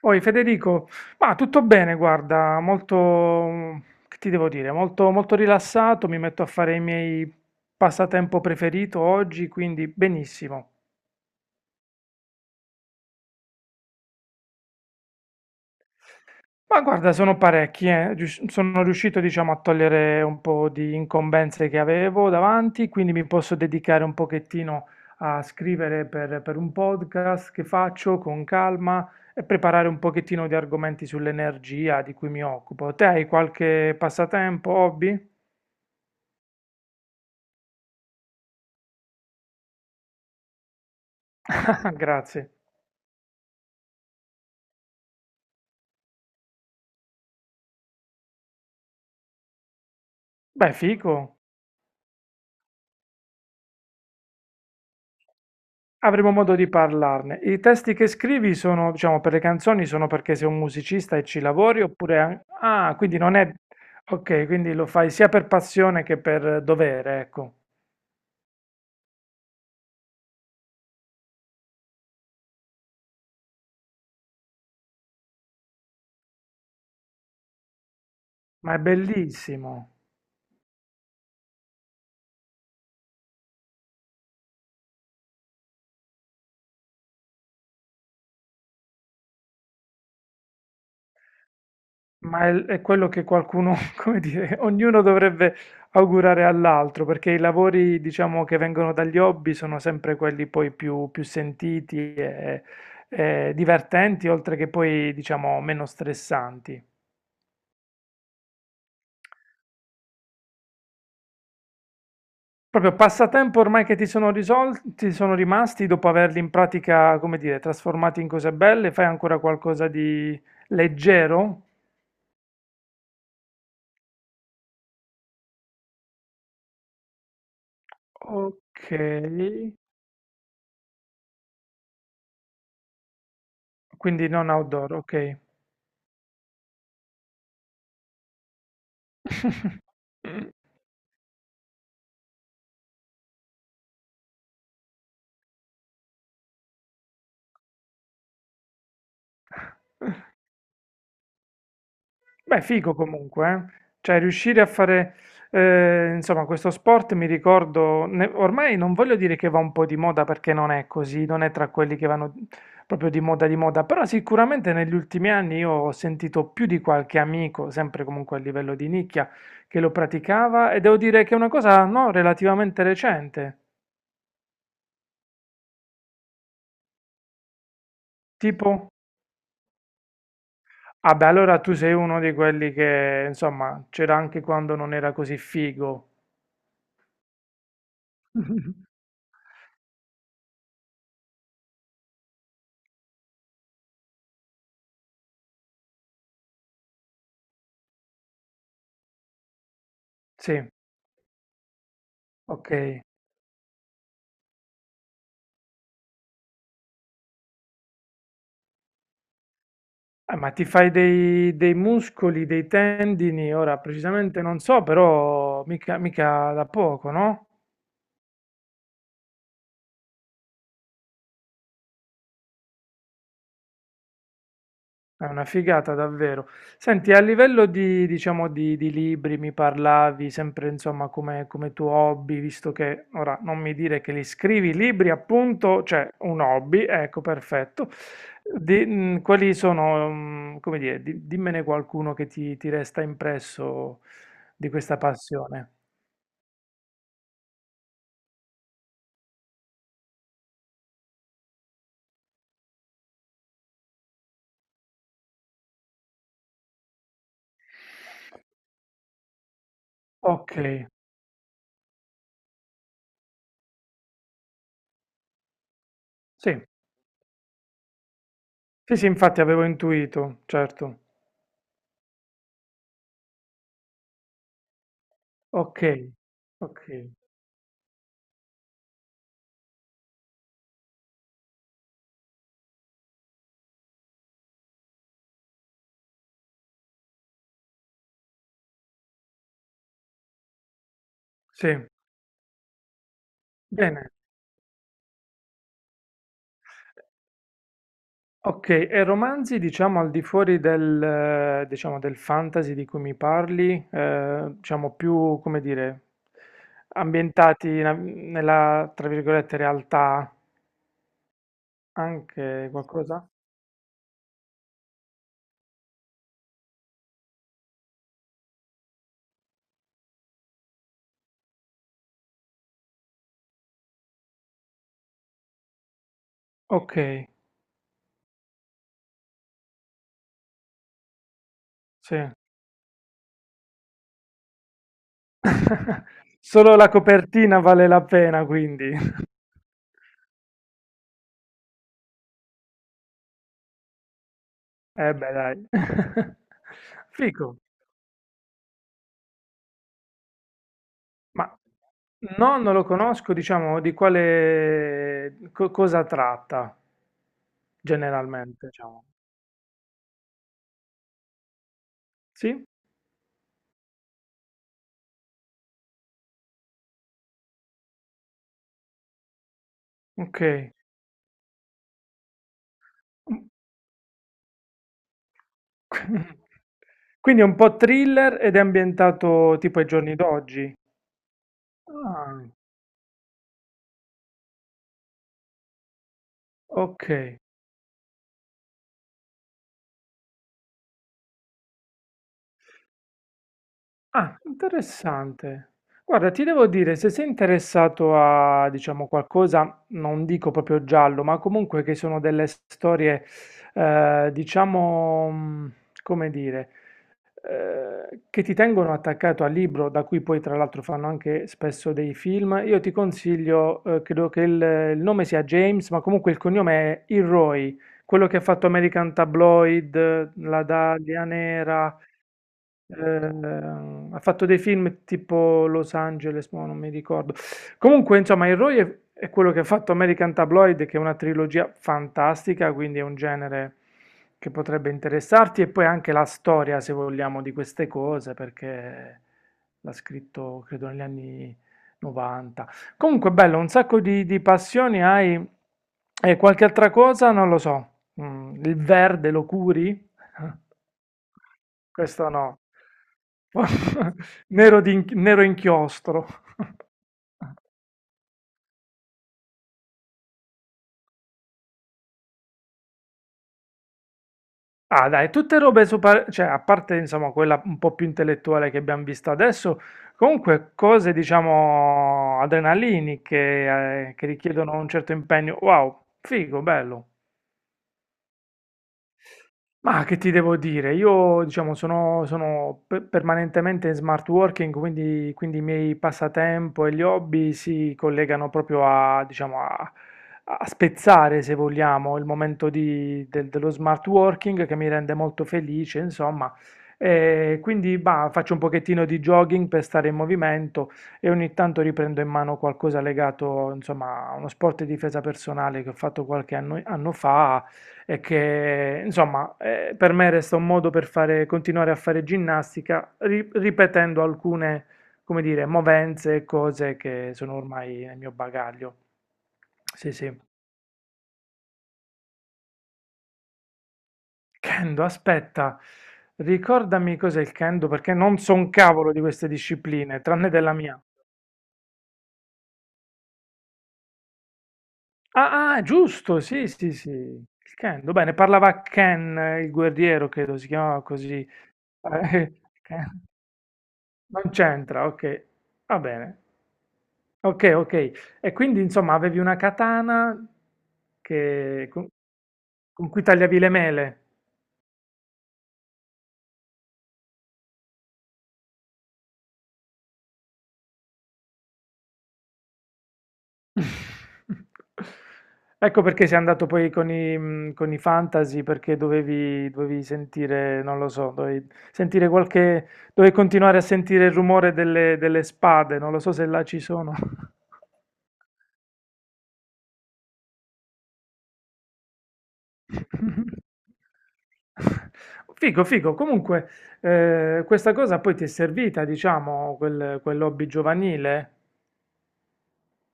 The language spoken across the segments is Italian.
Poi Federico, ma tutto bene, guarda, molto, che ti devo dire, molto, molto rilassato, mi metto a fare i miei passatempo preferito oggi, quindi benissimo. Ma guarda, sono parecchi, sono riuscito, diciamo, a togliere un po' di incombenze che avevo davanti, quindi mi posso dedicare un pochettino a scrivere per un podcast che faccio con calma e preparare un pochettino di argomenti sull'energia di cui mi occupo. Te hai qualche passatempo, hobby? Ah, grazie. Beh, fico. Avremo modo di parlarne. I testi che scrivi sono, diciamo, per le canzoni sono perché sei un musicista e ci lavori oppure, ah, quindi non è. Ok, quindi lo fai sia per passione che per dovere, ecco. Ma è bellissimo. Ma è quello che qualcuno, come dire, ognuno dovrebbe augurare all'altro, perché i lavori, diciamo, che vengono dagli hobby sono sempre quelli poi più sentiti e divertenti, oltre che poi, diciamo, meno stressanti. Proprio passatempo ormai che ti sono risolti, sono rimasti dopo averli in pratica, come dire, trasformati in cose belle, fai ancora qualcosa di leggero? Ok, quindi non outdoor, ok. Beh, figo comunque, eh. Cioè riuscire a fare, insomma, questo sport mi ricordo, ormai non voglio dire che va un po' di moda perché non è così, non è tra quelli che vanno proprio di moda, però sicuramente negli ultimi anni io ho sentito più di qualche amico, sempre comunque a livello di nicchia, che lo praticava e devo dire che è una cosa, no, relativamente recente, tipo. Ah beh, allora tu sei uno di quelli che, insomma, c'era anche quando non era così figo. Sì, ok. Ah, ma ti fai dei muscoli, dei tendini, ora precisamente non so, però mica, mica da poco, no? È una figata davvero. Senti, a livello di, diciamo, di libri mi parlavi sempre, insomma, come tuo hobby, visto che, ora, non mi dire che li scrivi, libri, appunto, cioè un hobby, ecco, perfetto. Quali sono, come dire, dimmene qualcuno che ti resta impresso di questa passione. Ok, sì. Sì, sì, infatti avevo intuito, certo. Okay, okay, sì, bene. Okay, e romanzi diciamo al di fuori del diciamo del fantasy di cui mi parli, diciamo più, come dire, ambientati in a nella, tra virgolette, "realtà", anche qualcosa? Okay, sì. Solo la copertina vale la pena quindi. Eh beh, dai. Fico. Ma no, non lo conosco, diciamo, di quale cosa tratta generalmente, diciamo. Sì? Ok. Mm. Quindi è un po' thriller ed è ambientato tipo ai giorni d'oggi. Ah, ok. Ah, interessante. Guarda, ti devo dire, se sei interessato a, diciamo, qualcosa, non dico proprio giallo, ma comunque che sono delle storie, diciamo, come dire, che ti tengono attaccato al libro, da cui poi tra l'altro fanno anche spesso dei film. Io ti consiglio, credo che il nome sia James, ma comunque il cognome è Ilroy, quello che ha fatto American Tabloid, La Dahlia Nera. Ha fatto dei film tipo Los Angeles, ma non mi ricordo. Comunque, insomma, il Roy è quello che ha fatto American Tabloid, che è una trilogia fantastica, quindi è un genere che potrebbe interessarti, e poi anche la storia, se vogliamo, di queste cose, perché l'ha scritto, credo, negli anni 90. Comunque, bello, un sacco di passioni hai. E qualche altra cosa? Non lo so. Il verde lo curi? Questo no. Nero, nero inchiostro. Ah, dai, tutte robe super, cioè, a parte insomma quella un po' più intellettuale che abbiamo visto adesso, comunque cose diciamo adrenaliniche, che richiedono un certo impegno. Wow, figo, bello. Ma che ti devo dire? Io, diciamo, sono permanentemente in smart working, quindi i miei passatempo e gli hobby si collegano proprio a, diciamo, a spezzare, se vogliamo, il momento dello smart working che mi rende molto felice, insomma. E quindi, bah, faccio un pochettino di jogging per stare in movimento e ogni tanto riprendo in mano qualcosa legato, insomma, a uno sport di difesa personale che ho fatto qualche anno fa e che insomma, per me resta un modo per fare, continuare a fare ginnastica ripetendo alcune, come dire, movenze e cose che sono ormai nel mio bagaglio. Sì, sì. Kendo, aspetta, ricordami cos'è il Kendo perché non so un cavolo di queste discipline, tranne della mia. Ah, ah, giusto, sì, sì, sì. Il Kendo, bene, parlava Ken, il guerriero, credo si chiamava così. Eh, Ken. Non c'entra, ok. Va bene. Ok, ok. E quindi insomma avevi una katana che- con, con cui tagliavi le mele. Ecco perché sei andato poi con i fantasy, perché dovevi sentire, non lo so, dovevi sentire qualche, dovevi continuare a sentire il rumore delle spade, non lo so se là ci sono. Figo, figo. Comunque, questa cosa poi ti è servita, diciamo, quell'hobby giovanile?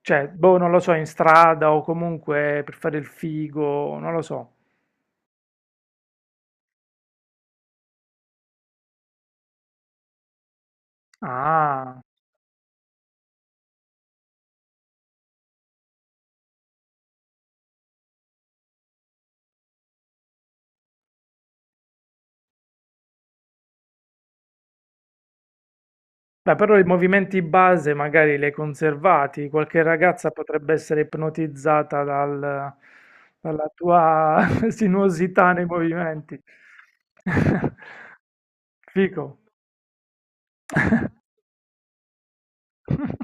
Cioè, boh, non lo so, in strada o comunque per fare il figo, non lo so. Ah, beh, però i movimenti base magari li hai conservati. Qualche ragazza potrebbe essere ipnotizzata dalla tua sinuosità nei movimenti. Figo.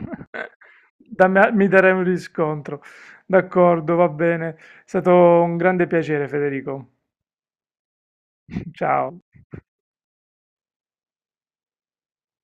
Mi darei un riscontro. D'accordo, va bene. È stato un grande piacere, Federico. Ciao.